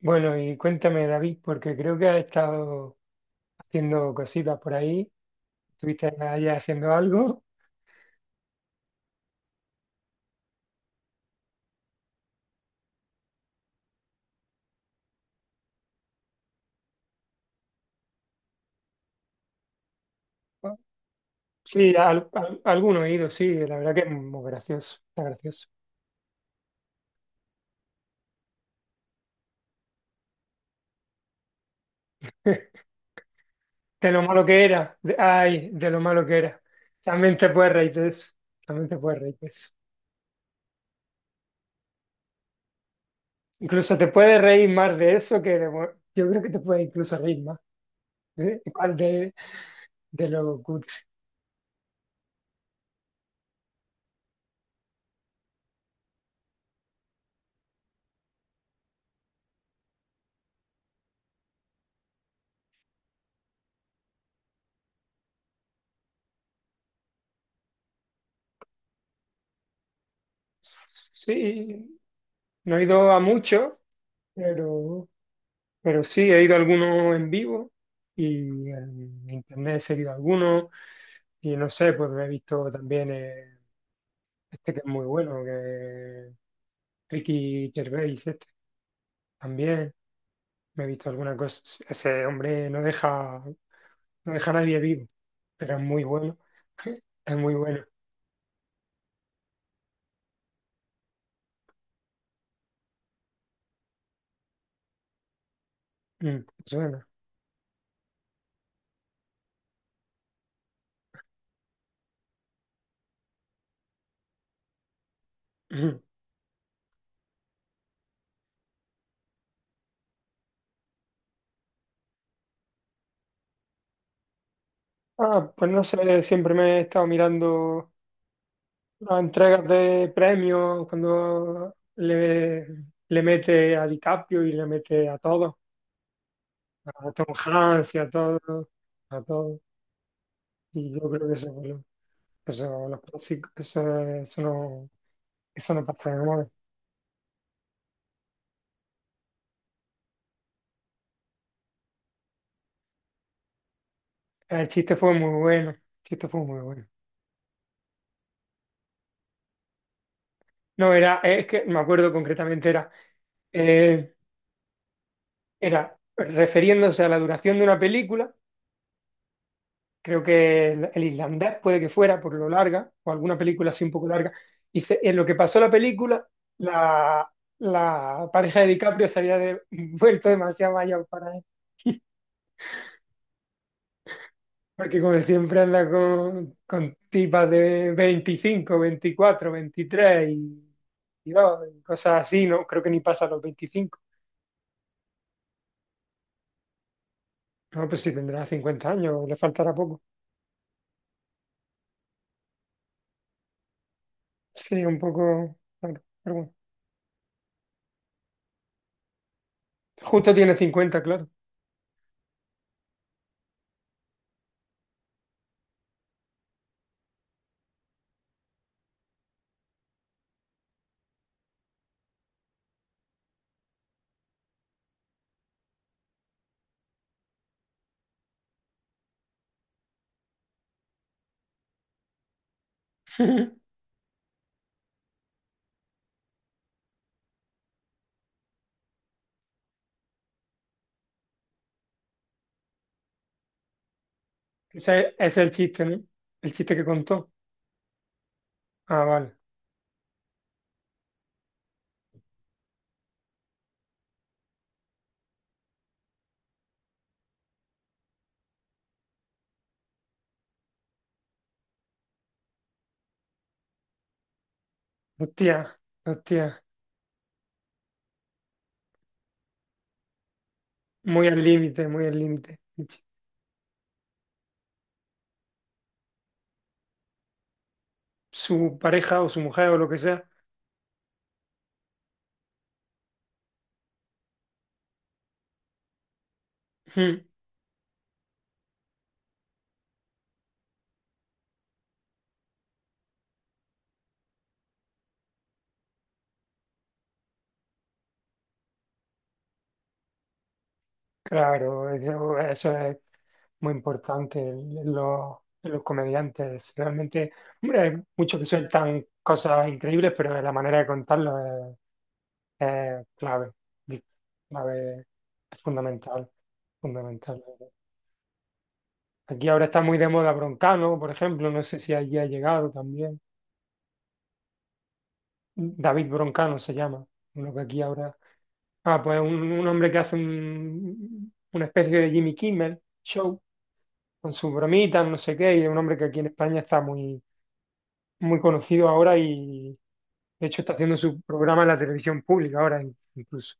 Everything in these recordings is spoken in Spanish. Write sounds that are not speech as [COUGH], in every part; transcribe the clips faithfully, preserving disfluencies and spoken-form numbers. Bueno, y cuéntame, David, porque creo que has estado haciendo cositas por ahí. ¿Estuviste allá haciendo algo? Sí, al, al- alguno he ido, sí, la verdad que es muy gracioso, está gracioso. De lo malo que era, de- ay, de lo malo que era. También te puedes reír de eso, también te puedes reír de eso. Incluso te puedes reír más de eso que de... bu- Yo creo que te puedes incluso reír más de, de, de lo cutre. Sí, no he ido a mucho, pero... Pero sí, he ido a algunos en vivo y en internet he seguido algunos y no sé, pues he visto también eh, este que es muy bueno, que es Ricky Gervais, este también me he visto alguna cosa. Ese hombre no deja, no deja a nadie vivo, pero es muy bueno, [LAUGHS] es muy bueno. Mm, suena. [CLEARS THROAT] Ah, pues no sé, siempre me he estado mirando. Las entregas de premios, cuando le, le mete a DiCaprio y le mete a todos, a Tom Hanks y a todos, a todos. Y yo creo que eso, fue lo- eso, los clásicos, eso, eso no, eso no pasa de moda. El chiste fue muy bueno, el chiste fue muy bueno. No, era, es que me acuerdo concretamente, era, eh, era refiriéndose a la duración de una película, creo que el, el islandés puede que fuera por lo larga, o alguna película así un poco larga. Y se- en lo que pasó la película, la, la pareja de DiCaprio se había de- [LAUGHS] vuelto demasiado mayor para él, porque como siempre anda con, con tipas de veinticinco, veinticuatro, veintitrés y, y no, y cosas así, ¿no? Creo que ni pasa los veinticinco. No, pues si tendrá cincuenta años, le faltará poco. Sí, un poco, claro, pero bueno. Justo tiene cincuenta, claro. [LAUGHS] Ese ese es el chiste, ¿no? El chiste que contó. Ah, vale. Hostia, hostia. Muy al límite, muy al límite. Su pareja o su mujer o lo que sea. Mm, claro, eso, eso es muy importante en en los, en los comediantes. Realmente, hombre, hay muchos que sueltan cosas increíbles, pero la manera de contarlo es, es clave. Di- Clave, es fundamental, fundamental. Aquí ahora está muy de moda Broncano, por ejemplo. No sé si allí ha llegado también. David Broncano se llama, uno que aquí ahora... Ah, pues un, un hombre que hace un- una especie de Jimmy Kimmel show con sus bromitas, no sé qué, y es un hombre que aquí en España está muy, muy conocido ahora y de hecho está haciendo su programa en la televisión pública ahora in- incluso.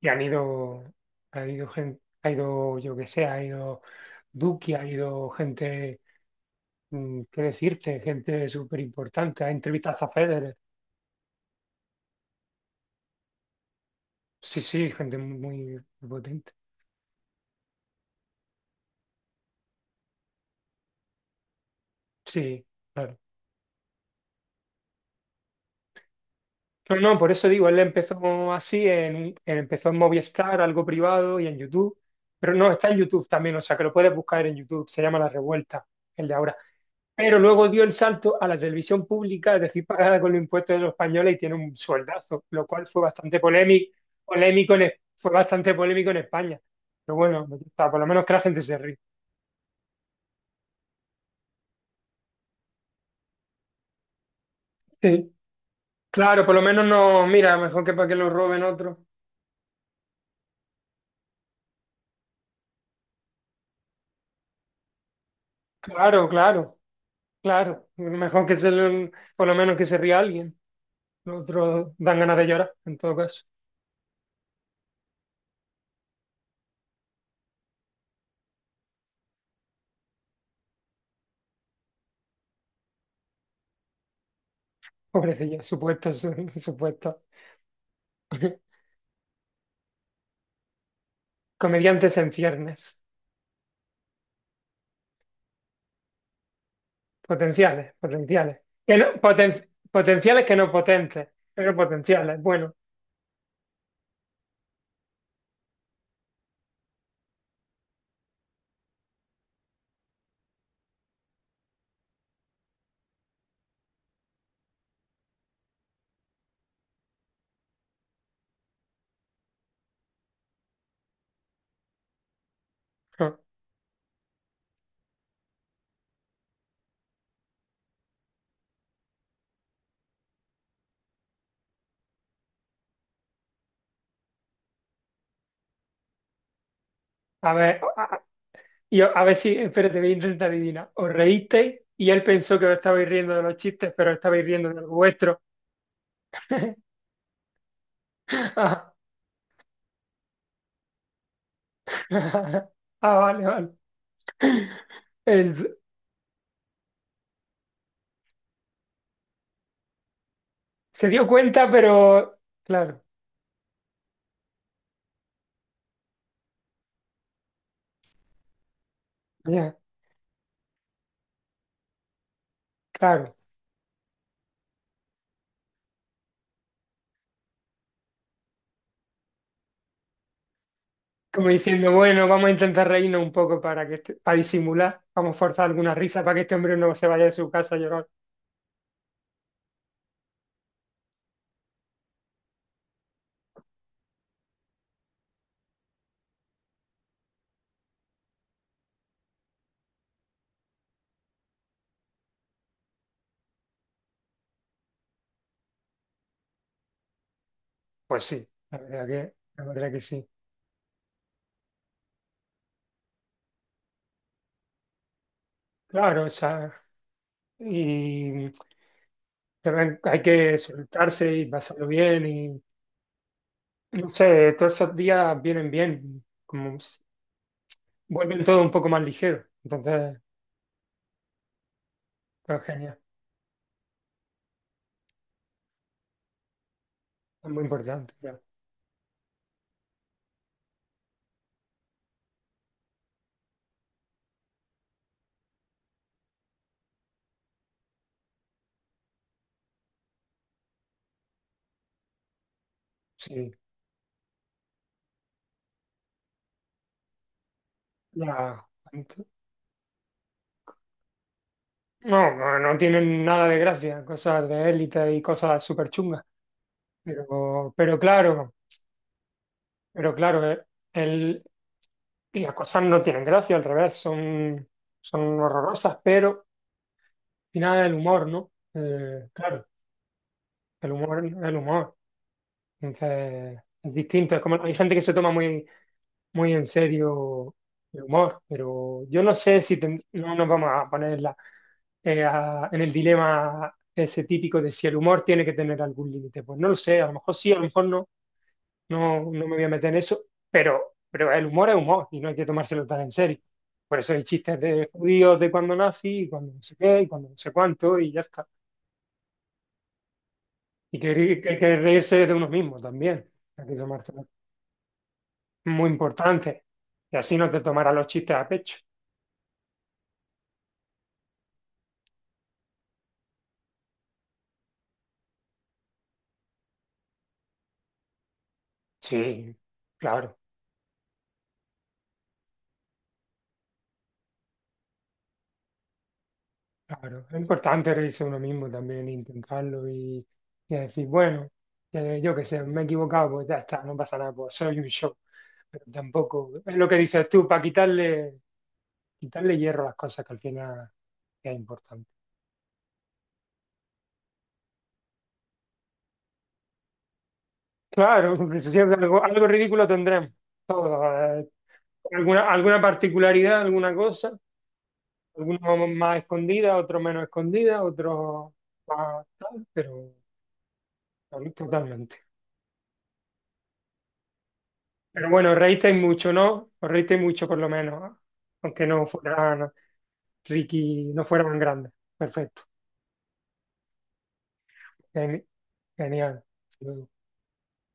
Y han ido, ha ido gente, ha ido, yo que sé, ha ido Duki, ha ido gente, mm, qué decirte, gente súper importante, ha entrevistado a Federer. Sí, sí, gente muy, muy potente. Sí, claro. No, no, por eso digo, él empezó así, en, empezó en Movistar, algo privado y en YouTube, pero no, está en YouTube también, o sea que lo puedes buscar en YouTube, se llama La Revuelta, el de ahora. Pero luego dio el salto a la televisión pública, es decir, pagada con los impuestos de los españoles y tiene un sueldazo, lo cual fue bastante polémico, polémico en, Es- fue bastante polémico en España. Pero bueno, me gusta, por lo menos que la gente se ríe. Sí. Claro, por lo menos no, mira, mejor que para que lo roben otro. Claro, claro, claro. Mejor que se, lo- por lo menos que se ría alguien. Los otros dan ganas de llorar, en todo caso. Pobrecilla, supuestos, su- [LAUGHS] supuestos. [LAUGHS] Comediantes en ciernes. Potenciales, potenciales. Que no, poten- potenciales que no potentes, pero potenciales. Bueno, [LAUGHS] a ver, a, a- y a ver si, espérate, voy a intentar adivinar. Os reísteis y él pensó que os estabais riendo de los chistes, pero estabais riendo del vuestro. [LAUGHS] [LAUGHS] Ah, vale, vale. El- Se dio cuenta, pero claro, ya, claro. Como diciendo, bueno, vamos a intentar reírnos un poco para que este- para disimular, vamos a forzar alguna risa para que este hombre no se vaya de su casa a llorar. Pues sí, la verdad que, la verdad que sí. Claro, o sea, y también hay que soltarse y pasarlo bien y no sé, todos esos días vienen bien, como s- vuelven todo un poco más ligero. Entonces, pues, genial. Es muy importante, ya. Sí, ya. No, no, no tienen nada de gracia, cosas de élite y cosas súper chungas. Pero, pero claro, pero claro, eh, el, y las cosas no tienen gracia, al revés, son, son horrorosas, pero al final el humor, ¿no? Eh, claro, el humor, el humor. Entonces, es distinto. Es como, hay gente que se toma muy, muy en serio el humor, pero yo no sé si ten- no nos vamos a poner en, la- eh, a- en el dilema ese típico de si el humor tiene que tener algún límite. Pues no lo sé, a lo mejor sí, a lo mejor no. No, no me voy a meter en eso, pero, pero el humor es humor y no hay que tomárselo tan en serio. Por eso hay chistes de judíos de cuando nací, y cuando no sé qué, y cuando no sé cuánto, y ya está. Y que, que hay que reírse de uno mismo también. Hay que tomárselo. Muy importante. Y así no te tomarás los chistes a pecho. Sí, claro, claro. Es importante reírse uno mismo también, intentarlo y, y decir, bueno, eh, yo qué sé, me he equivocado, pues ya está, no pasa nada, pues soy un show. Pero tampoco, es lo que dices tú, para quitarle, quitarle hierro a las cosas que al final es importante. Claro, [LAUGHS] pues, siempre algo, algo ridículo tendremos. Todo, eh, alguna, alguna particularidad, alguna cosa. Algunos más escondidas, otros menos escondidas, otros más tal, pero tal- totalmente. Pero bueno, os reísteis mucho, ¿no? Os reísteis mucho por lo menos, ¿eh? Aunque no fueran Ricky, no fueran grandes. Perfecto. Geni- Genial.